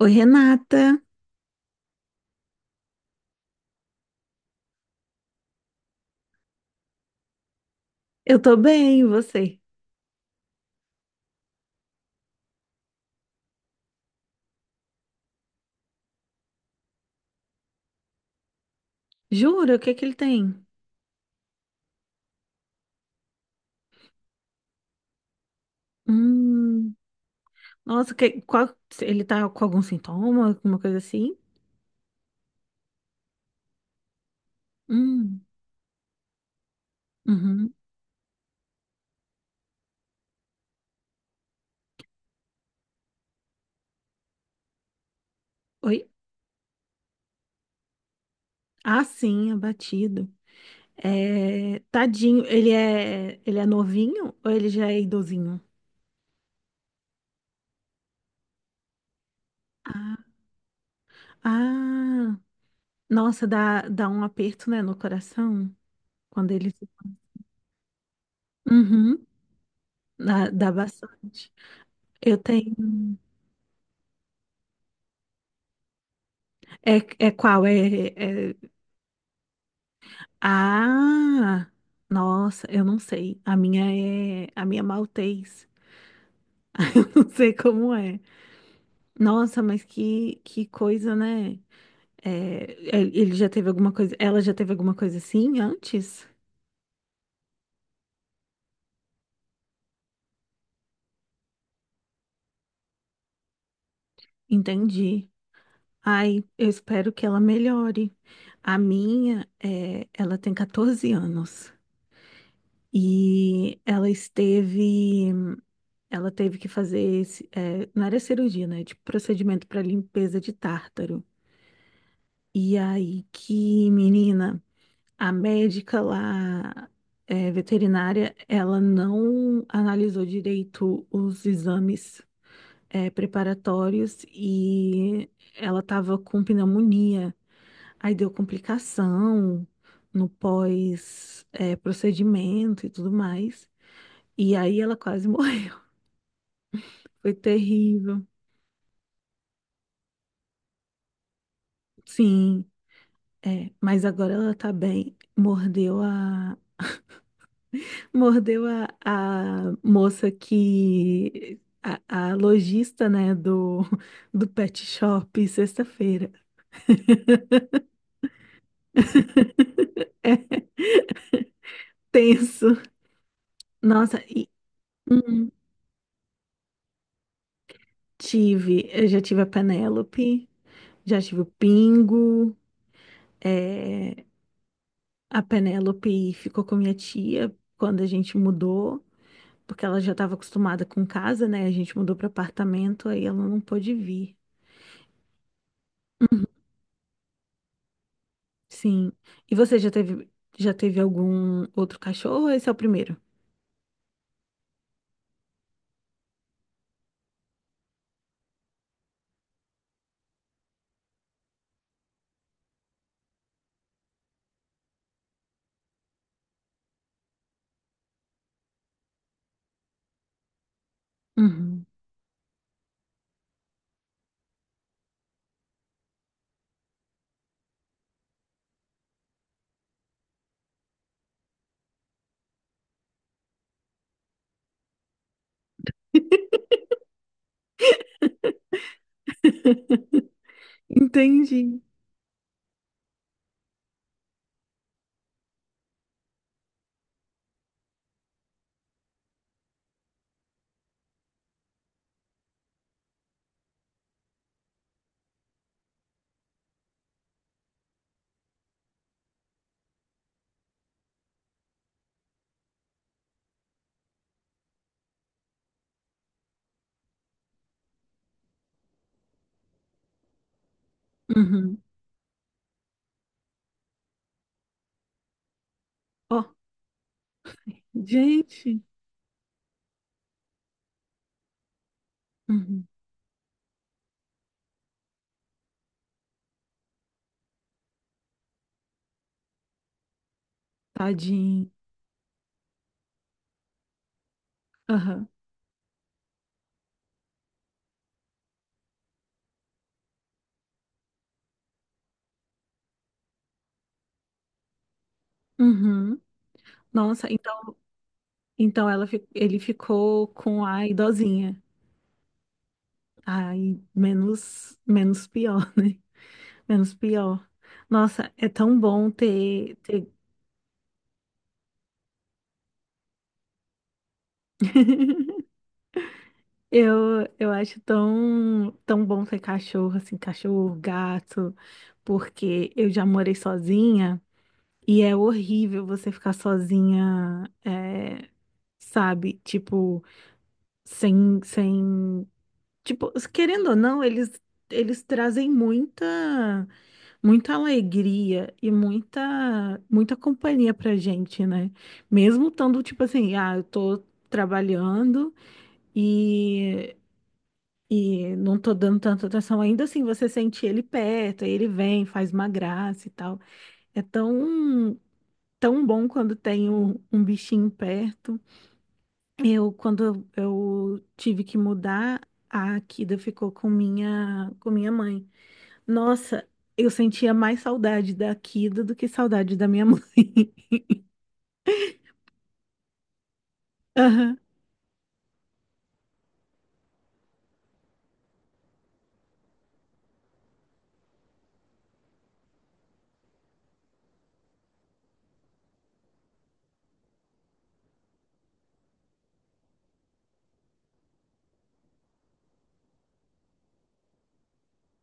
Oi, Renata. Eu tô bem, e você? Jura? O que que ele tem? Hum, nossa, qual, ele tá com algum sintoma, alguma coisa assim? Hum, uhum. Oi? Ah, sim, abatido. É, tadinho, ele é novinho ou ele já é idosinho? Ah, ah, nossa, dá um aperto, né, no coração quando ele se... Uhum, dá bastante. Eu tenho... É qual? É ah, nossa, eu não sei. A minha É a minha é maltês. Não sei como é. Nossa, mas que coisa, né? É, ele já teve alguma coisa, ela já teve alguma coisa assim antes? Entendi. Ai, eu espero que ela melhore. A minha, é, ela tem 14 anos e ela teve que fazer, não era cirurgia, né? Tipo procedimento para limpeza de tártaro. E aí que, menina, a médica lá, é, veterinária, ela não analisou direito os exames, é, preparatórios e ela tava com pneumonia. Aí deu complicação no pós, é, procedimento e tudo mais. E aí ela quase morreu. Foi terrível. Sim, é, mas agora ela tá bem. Mordeu a moça que. A lojista, né, do pet shop, sexta-feira. Tenso. Nossa, e hum, tive. Eu já tive a Penélope, já tive o Pingo. É, a Penélope ficou com a minha tia quando a gente mudou, porque ela já estava acostumada com casa, né? A gente mudou para apartamento, aí ela não pôde vir. Sim. E você já teve algum outro cachorro ou esse é o primeiro? Uhum. Entendi. Uhum. Ó, gente, uhum, tadinho. Aham. Uhum. Nossa, então, então ele ficou com a idosinha. Aí, menos pior, né? Menos pior. Nossa, é tão bom ter... eu acho tão bom ter cachorro, assim, cachorro, gato, porque eu já morei sozinha e é horrível você ficar sozinha, é, sabe? Tipo, sem, tipo, querendo ou não, eles trazem muita muita alegria e muita muita companhia pra gente, né? Mesmo estando tipo assim, ah, eu tô trabalhando e E não tô dando tanta atenção. Ainda assim, você sente ele perto, aí ele vem, faz uma graça e tal. É tão bom quando tem um bichinho perto. Eu, quando eu tive que mudar, a Akida ficou com com minha mãe. Nossa, eu sentia mais saudade da Akida do que saudade da minha mãe. Aham.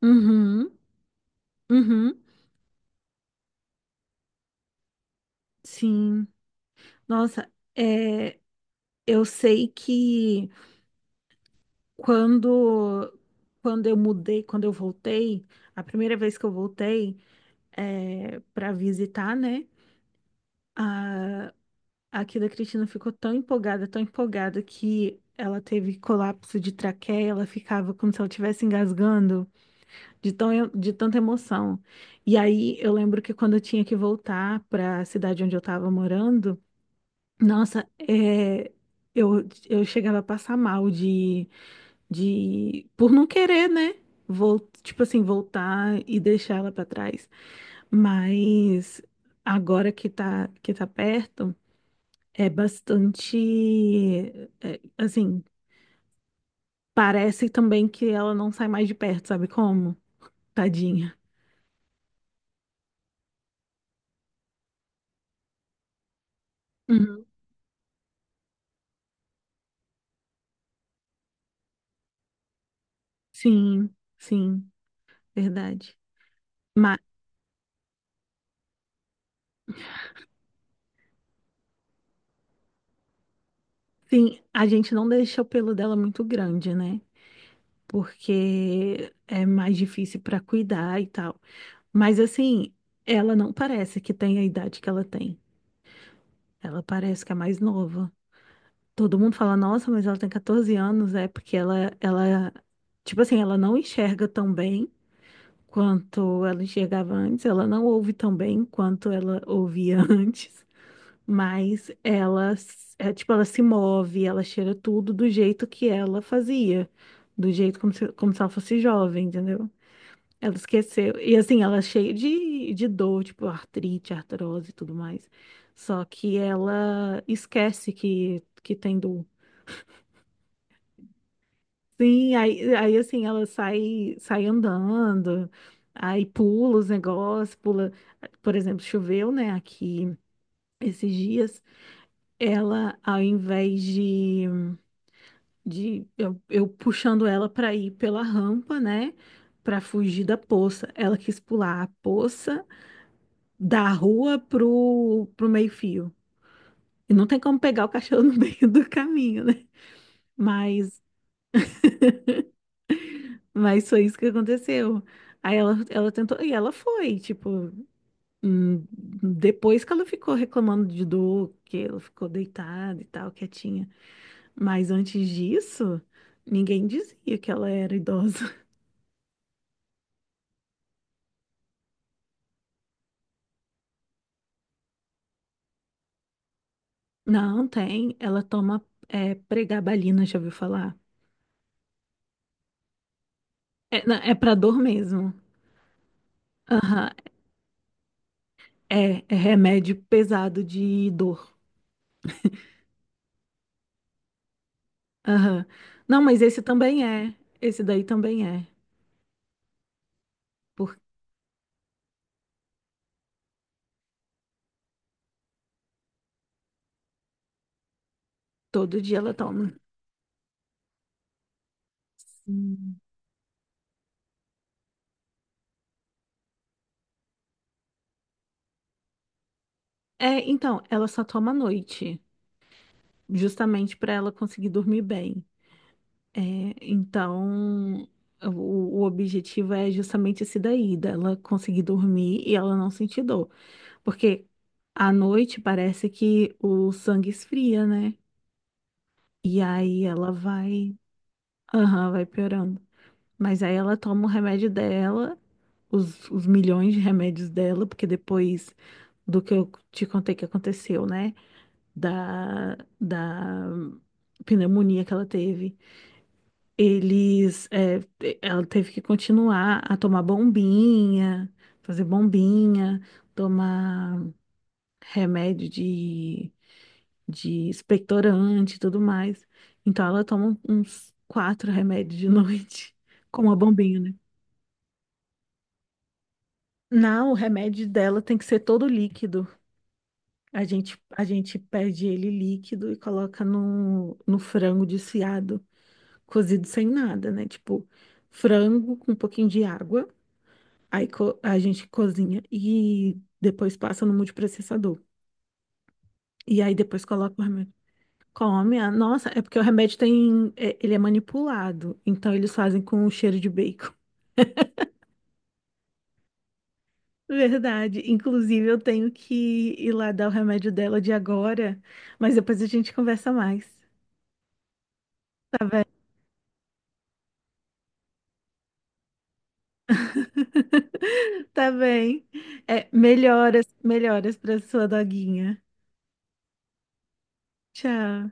Uhum. Uhum. Sim. Nossa, é, eu sei que quando, quando eu mudei, quando eu voltei, a primeira vez que eu voltei é, para visitar, né? Aqui da Cristina ficou tão empolgada que ela teve colapso de traqueia, ela ficava como se ela estivesse engasgando de tão, de tanta emoção. E aí eu lembro que quando eu tinha que voltar para a cidade onde eu estava morando, nossa, é, eu chegava a passar mal de por não querer, né? Vol, tipo assim, voltar e deixar ela para trás. Mas agora que tá perto. É bastante. É, assim, parece também que ela não sai mais de perto, sabe como? Tadinha. Uhum. Sim, sim, verdade. Mas, sim, a gente não deixa o pelo dela muito grande, né? Porque é mais difícil pra cuidar e tal. Mas, assim, ela não parece que tem a idade que ela tem. Ela parece que é mais nova. Todo mundo fala, nossa, mas ela tem 14 anos, é porque ela, tipo assim, ela não enxerga tão bem. Quanto ela enxergava antes. Ela não ouve tão bem quanto ela ouvia antes, mas tipo, ela se move, ela cheira tudo do jeito que ela fazia, do jeito como se ela fosse jovem, entendeu? Ela esqueceu. E assim, ela é cheia de dor, tipo artrite, artrose e tudo mais. Só que ela esquece que tem dor. Sim, aí assim, sai andando, aí pula os negócios, pula, por exemplo, choveu, né, aqui esses dias, ela, ao invés de, eu puxando ela para ir pela rampa, né, para fugir da poça, ela quis pular a poça da rua pro meio-fio. E não tem como pegar o cachorro no meio do caminho, né? Mas, mas foi isso que aconteceu. Aí ela tentou, e ela foi, tipo. Hum, Depois que ela ficou reclamando de dor, que ela ficou deitada e tal, quietinha. Mas antes disso, ninguém dizia que ela era idosa. Não, tem. Ela toma é, pregabalina, já ouviu falar? É, não, é pra dor mesmo. Aham. É, é remédio pesado de dor. Aham. Não, mas esse também é. Esse daí também é. Porque todo dia ela toma. Sim. É, então, ela só toma à noite, justamente pra ela conseguir dormir bem. É, então, o objetivo é justamente esse daí, dela conseguir dormir e ela não sentir dor. Porque à noite parece que o sangue esfria, né? E aí ela vai, aham, vai piorando. Mas aí ela toma o remédio dela, os milhões de remédios dela, porque depois do que eu te contei que aconteceu, né? Da pneumonia que ela teve. Eles, é, ela teve que continuar a tomar bombinha, fazer bombinha, tomar remédio de expectorante e tudo mais. Então ela toma um, uns quatro remédios de noite com uma bombinha, né? Não, o remédio dela tem que ser todo líquido. A gente pede ele líquido e coloca no, no frango desfiado, cozido sem nada, né? Tipo, frango com um pouquinho de água. Aí co- a gente cozinha e depois passa no multiprocessador. E aí depois coloca o remédio. Come, ah, nossa, é porque o remédio tem, ele é manipulado, então eles fazem com o cheiro de bacon. Verdade. Inclusive, eu tenho que ir lá dar o remédio dela de agora, mas depois a gente conversa mais. Tá bem? Tá bem. É, melhoras, melhoras para sua doguinha. Tchau.